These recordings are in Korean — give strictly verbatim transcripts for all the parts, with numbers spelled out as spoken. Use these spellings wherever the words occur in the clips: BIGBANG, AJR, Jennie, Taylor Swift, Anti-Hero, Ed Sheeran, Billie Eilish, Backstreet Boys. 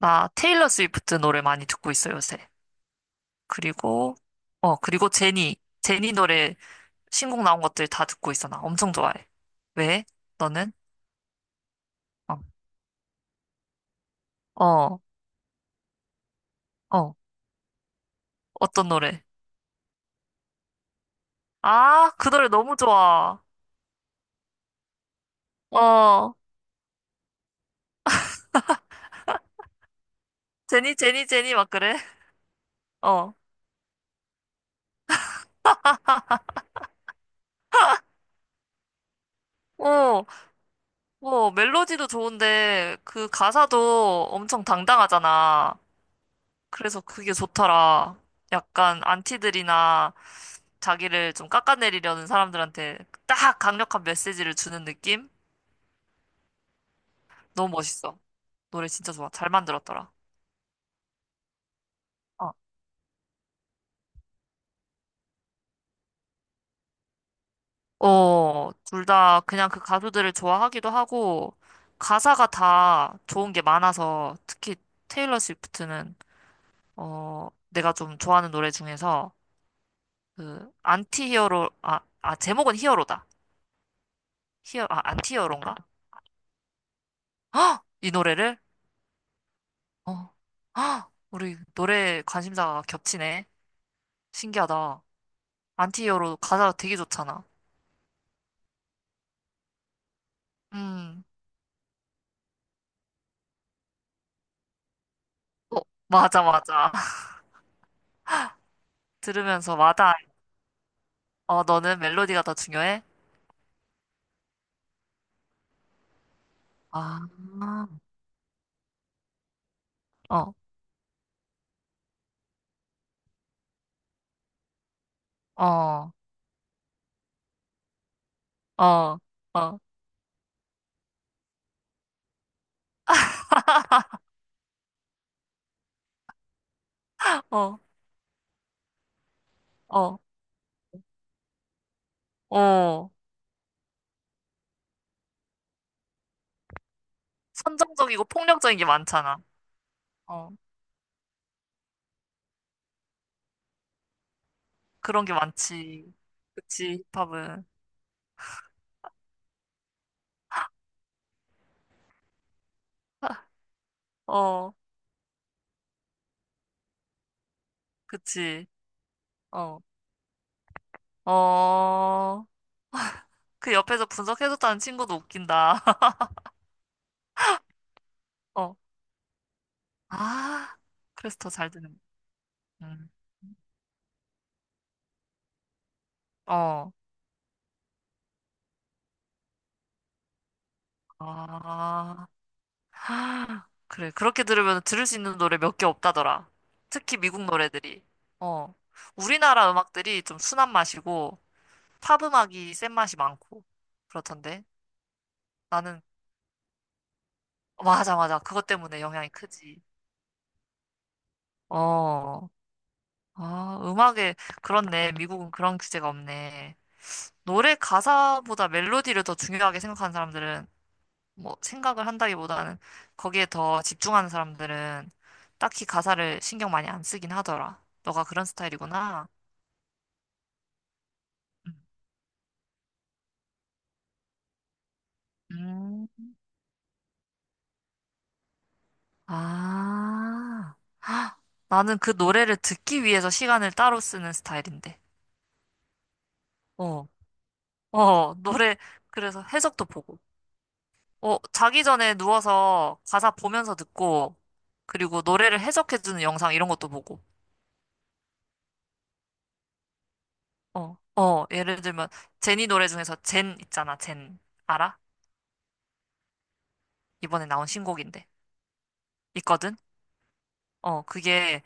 나 테일러 스위프트 노래 많이 듣고 있어, 요새. 그리고, 어, 그리고 제니. 제니 노래 신곡 나온 것들 다 듣고 있어, 나. 엄청 좋아해. 왜? 너는? 어, 어, 어. 어떤 노래? 아, 그 노래 너무 좋아. 어, 제니, 제니, 제니, 막 그래? 어. 어, 뭐, 멜로디도 좋은데, 그 가사도 엄청 당당하잖아. 그래서 그게 좋더라. 약간, 안티들이나, 자기를 좀 깎아내리려는 사람들한테 딱 강력한 메시지를 주는 느낌? 너무 멋있어. 노래 진짜 좋아. 잘 만들었더라. 어, 어, 둘 다 그냥 그 가수들을 좋아하기도 하고, 가사가 다 좋은 게 많아서, 특히 테일러 스위프트는, 어, 내가 좀 좋아하는 노래 중에서, 그, 안티 히어로, 아, 아, 제목은 히어로다. 히어, 아, 안티 히어로인가? 헉! 이 노래를? 어, 헉! 우리 노래 관심사가 겹치네. 신기하다. 안티히어로 가사가 되게 좋잖아. 음, 어, 맞아, 맞아. 들으면서 마다, 어, 너는 멜로디가 더 중요해? 아, 어, 어, 어, 어, 어, 어, 어. 선정적이고 폭력적인 게 많잖아. 어, 그런 게 많지. 그치, 힙합은. 어, 그치. 어, 어. 그 옆에서 분석해줬다는 친구도 웃긴다. 어, 아. 그래서 더 잘 듣는. 거. 음, 어, 아. 아, 그래. 그렇게 들으면 들을 수 있는 노래 몇 개 없다더라. 특히 미국 노래들이. 어. 우리나라 음악들이 좀 순한 맛이고, 팝 음악이 센 맛이 많고, 그렇던데. 나는, 맞아, 맞아. 그것 때문에 영향이 크지. 어. 아, 음악에, 그렇네. 미국은 그런 규제가 없네. 노래 가사보다 멜로디를 더 중요하게 생각하는 사람들은 뭐 생각을 한다기보다는 거기에 더 집중하는 사람들은 딱히 가사를 신경 많이 안 쓰긴 하더라. 너가 그런 스타일이구나. 음. 음. 아. 헉, 나는 그 노래를 듣기 위해서 시간을 따로 쓰는 스타일인데. 어. 어, 노래 그래서 해석도 보고. 어, 자기 전에 누워서 가사 보면서 듣고 그리고 노래를 해석해주는 영상 이런 것도 보고. 어. 어, 예를 들면 제니 노래 중에서 젠 있잖아. 젠. 알아? 이번에 나온 신곡인데. 있거든? 어, 그게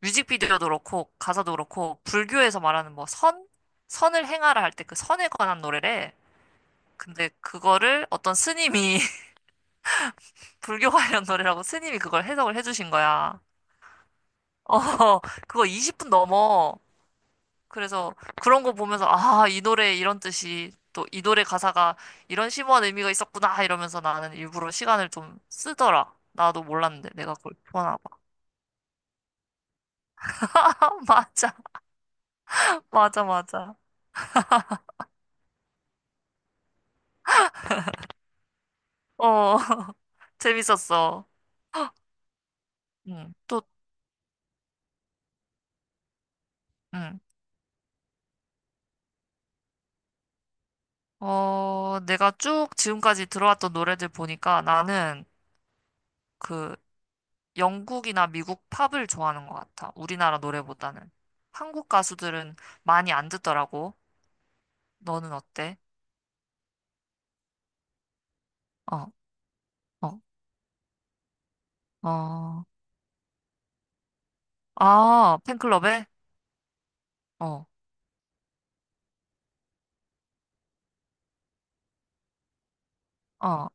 뮤직비디오도 그렇고, 가사도 그렇고, 불교에서 말하는 뭐 선? 선을 행하라 할 때 그 선에 관한 노래래. 근데 그거를 어떤 스님이, 불교 관련 노래라고 스님이 그걸 해석을 해주신 거야. 어, 그거 이십 분 넘어. 그래서 그런 거 보면서, 아, 이 노래에 이런 뜻이, 또 이 노래 가사가 이런 심오한 의미가 있었구나, 이러면서 나는 일부러 시간을 좀 쓰더라. 나도 몰랐는데, 내가 그걸 좋아하나 봐. 맞아, 맞아, 맞아. 어, 재밌었어. 응, 또, 응. 어, 내가 쭉 지금까지 들어왔던 노래들 보니까 나는 그 영국이나 미국 팝을 좋아하는 것 같아. 우리나라 노래보다는. 한국 가수들은 많이 안 듣더라고. 너는 어때? 어, 어, 어. 아, 팬클럽에? 어, 어.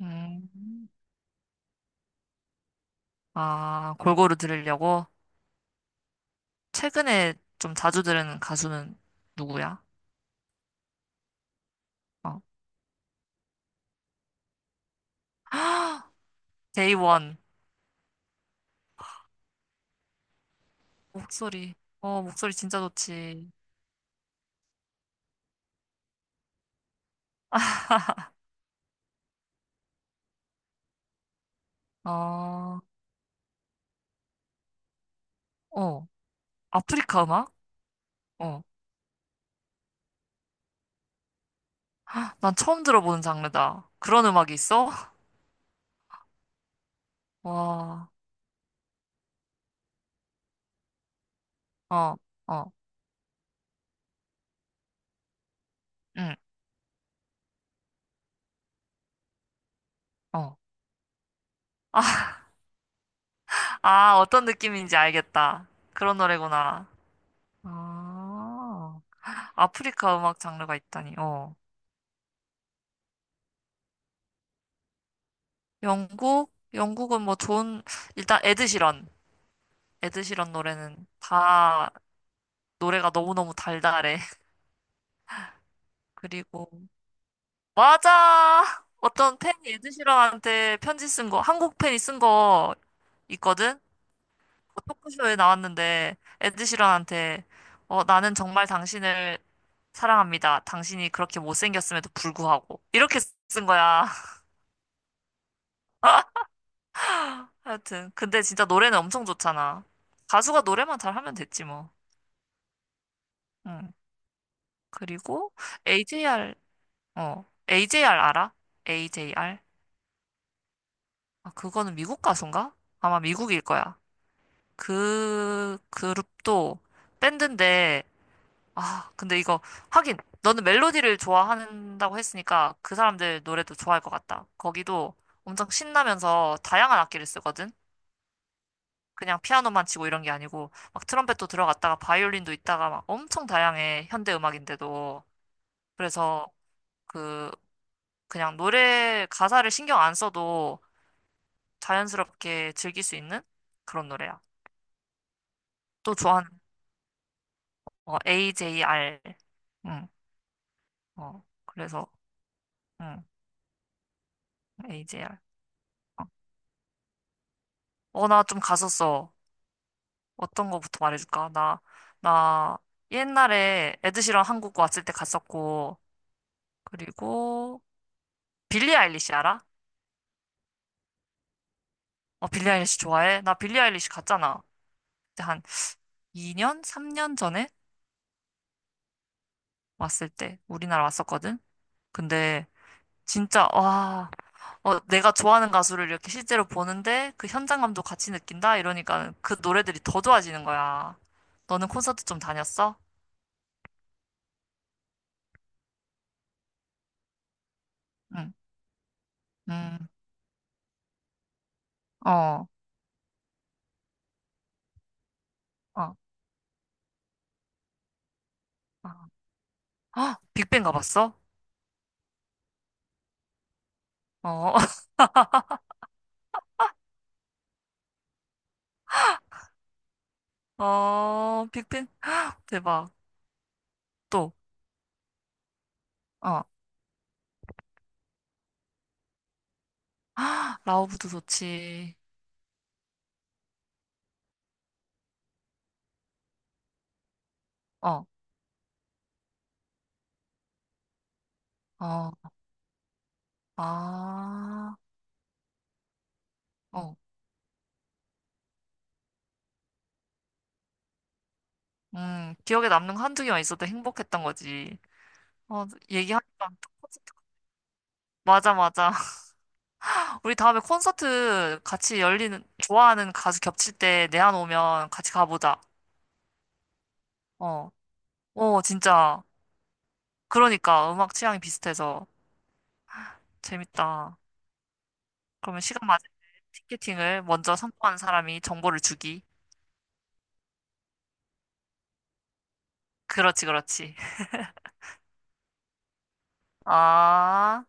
음. 아, 골고루 들으려고? 최근에 좀 자주 들은 가수는 누구야? 어, 데이원. 목소리. 어, 목소리 진짜 좋지. 어, 어. 아프리카 음악? 어. 난 처음 들어보는 장르다. 그런 음악이 있어? 와, 어, 어, 응, 어. 아, 아, 어떤 느낌인지 알겠다. 그런 노래구나. 아, 아프리카 음악 장르가 있다니. 어. 영국? 영국은 뭐 좋은, 일단 에드시런. 에드시런 노래는 다 노래가 너무너무 달달해. 그리고 맞아. 어떤 팬이 에드시런한테 편지 쓴 거, 한국 팬이 쓴 거 있거든? 그 토크쇼에 나왔는데, 에드시런한테, 어, 나는 정말 당신을 사랑합니다. 당신이 그렇게 못생겼음에도 불구하고. 이렇게 쓴 거야. 하여튼. 근데 진짜 노래는 엄청 좋잖아. 가수가 노래만 잘하면 됐지, 뭐. 응. 그리고, 에이제이알, 어, 에이제이알 알아? 에이제이알? 아, 그거는 미국 가수인가? 아마 미국일 거야. 그 그룹도 밴드인데 아 근데 이거 하긴 너는 멜로디를 좋아한다고 했으니까 그 사람들 노래도 좋아할 것 같다. 거기도 엄청 신나면서 다양한 악기를 쓰거든. 그냥 피아노만 치고 이런 게 아니고 막 트럼펫도 들어갔다가 바이올린도 있다가 막 엄청 다양해 현대 음악인데도 그래서 그 그냥 노래 가사를 신경 안 써도 자연스럽게 즐길 수 있는 그런 노래야. 또 좋아하는 어, 에이제이알 어, 그래서, 응, 에이제이알. 어, 나 좀 갔었어. 어떤 거부터 말해줄까? 나, 나 옛날에 에드시런 한국 왔을 때 갔었고, 그리고 빌리 아일리시 알아? 어, 빌리 아일리시 좋아해? 나 빌리 아일리시 갔잖아. 그때 한 이 년, 삼 년 전에 왔을 때 우리나라 왔었거든? 근데 진짜, 와, 어, 내가 좋아하는 가수를 이렇게 실제로 보는데 그 현장감도 같이 느낀다? 이러니까 그 노래들이 더 좋아지는 거야. 너는 콘서트 좀 다녔어? 응 음, 어, 어, 어. 아, 빅뱅 가봤어? 어, 어, 빅뱅 대박. 또, 어, 아, 라오브도 좋지. 어, 어, 아, 어, 음, 기억에 남는 거 한두 개만 있어도 행복했던 거지. 어, 얘기하니까 또 콘서트. 맞아, 맞아. 우리 다음에 콘서트 같이 열리는, 좋아하는 가수 겹칠 때 내한 오면 같이 가보자. 어, 어, 진짜. 그러니까 음악 취향이 비슷해서 재밌다. 그러면 시간 맞을 때 티켓팅을 먼저 성공한 사람이 정보를 주기. 그렇지, 그렇지. 아.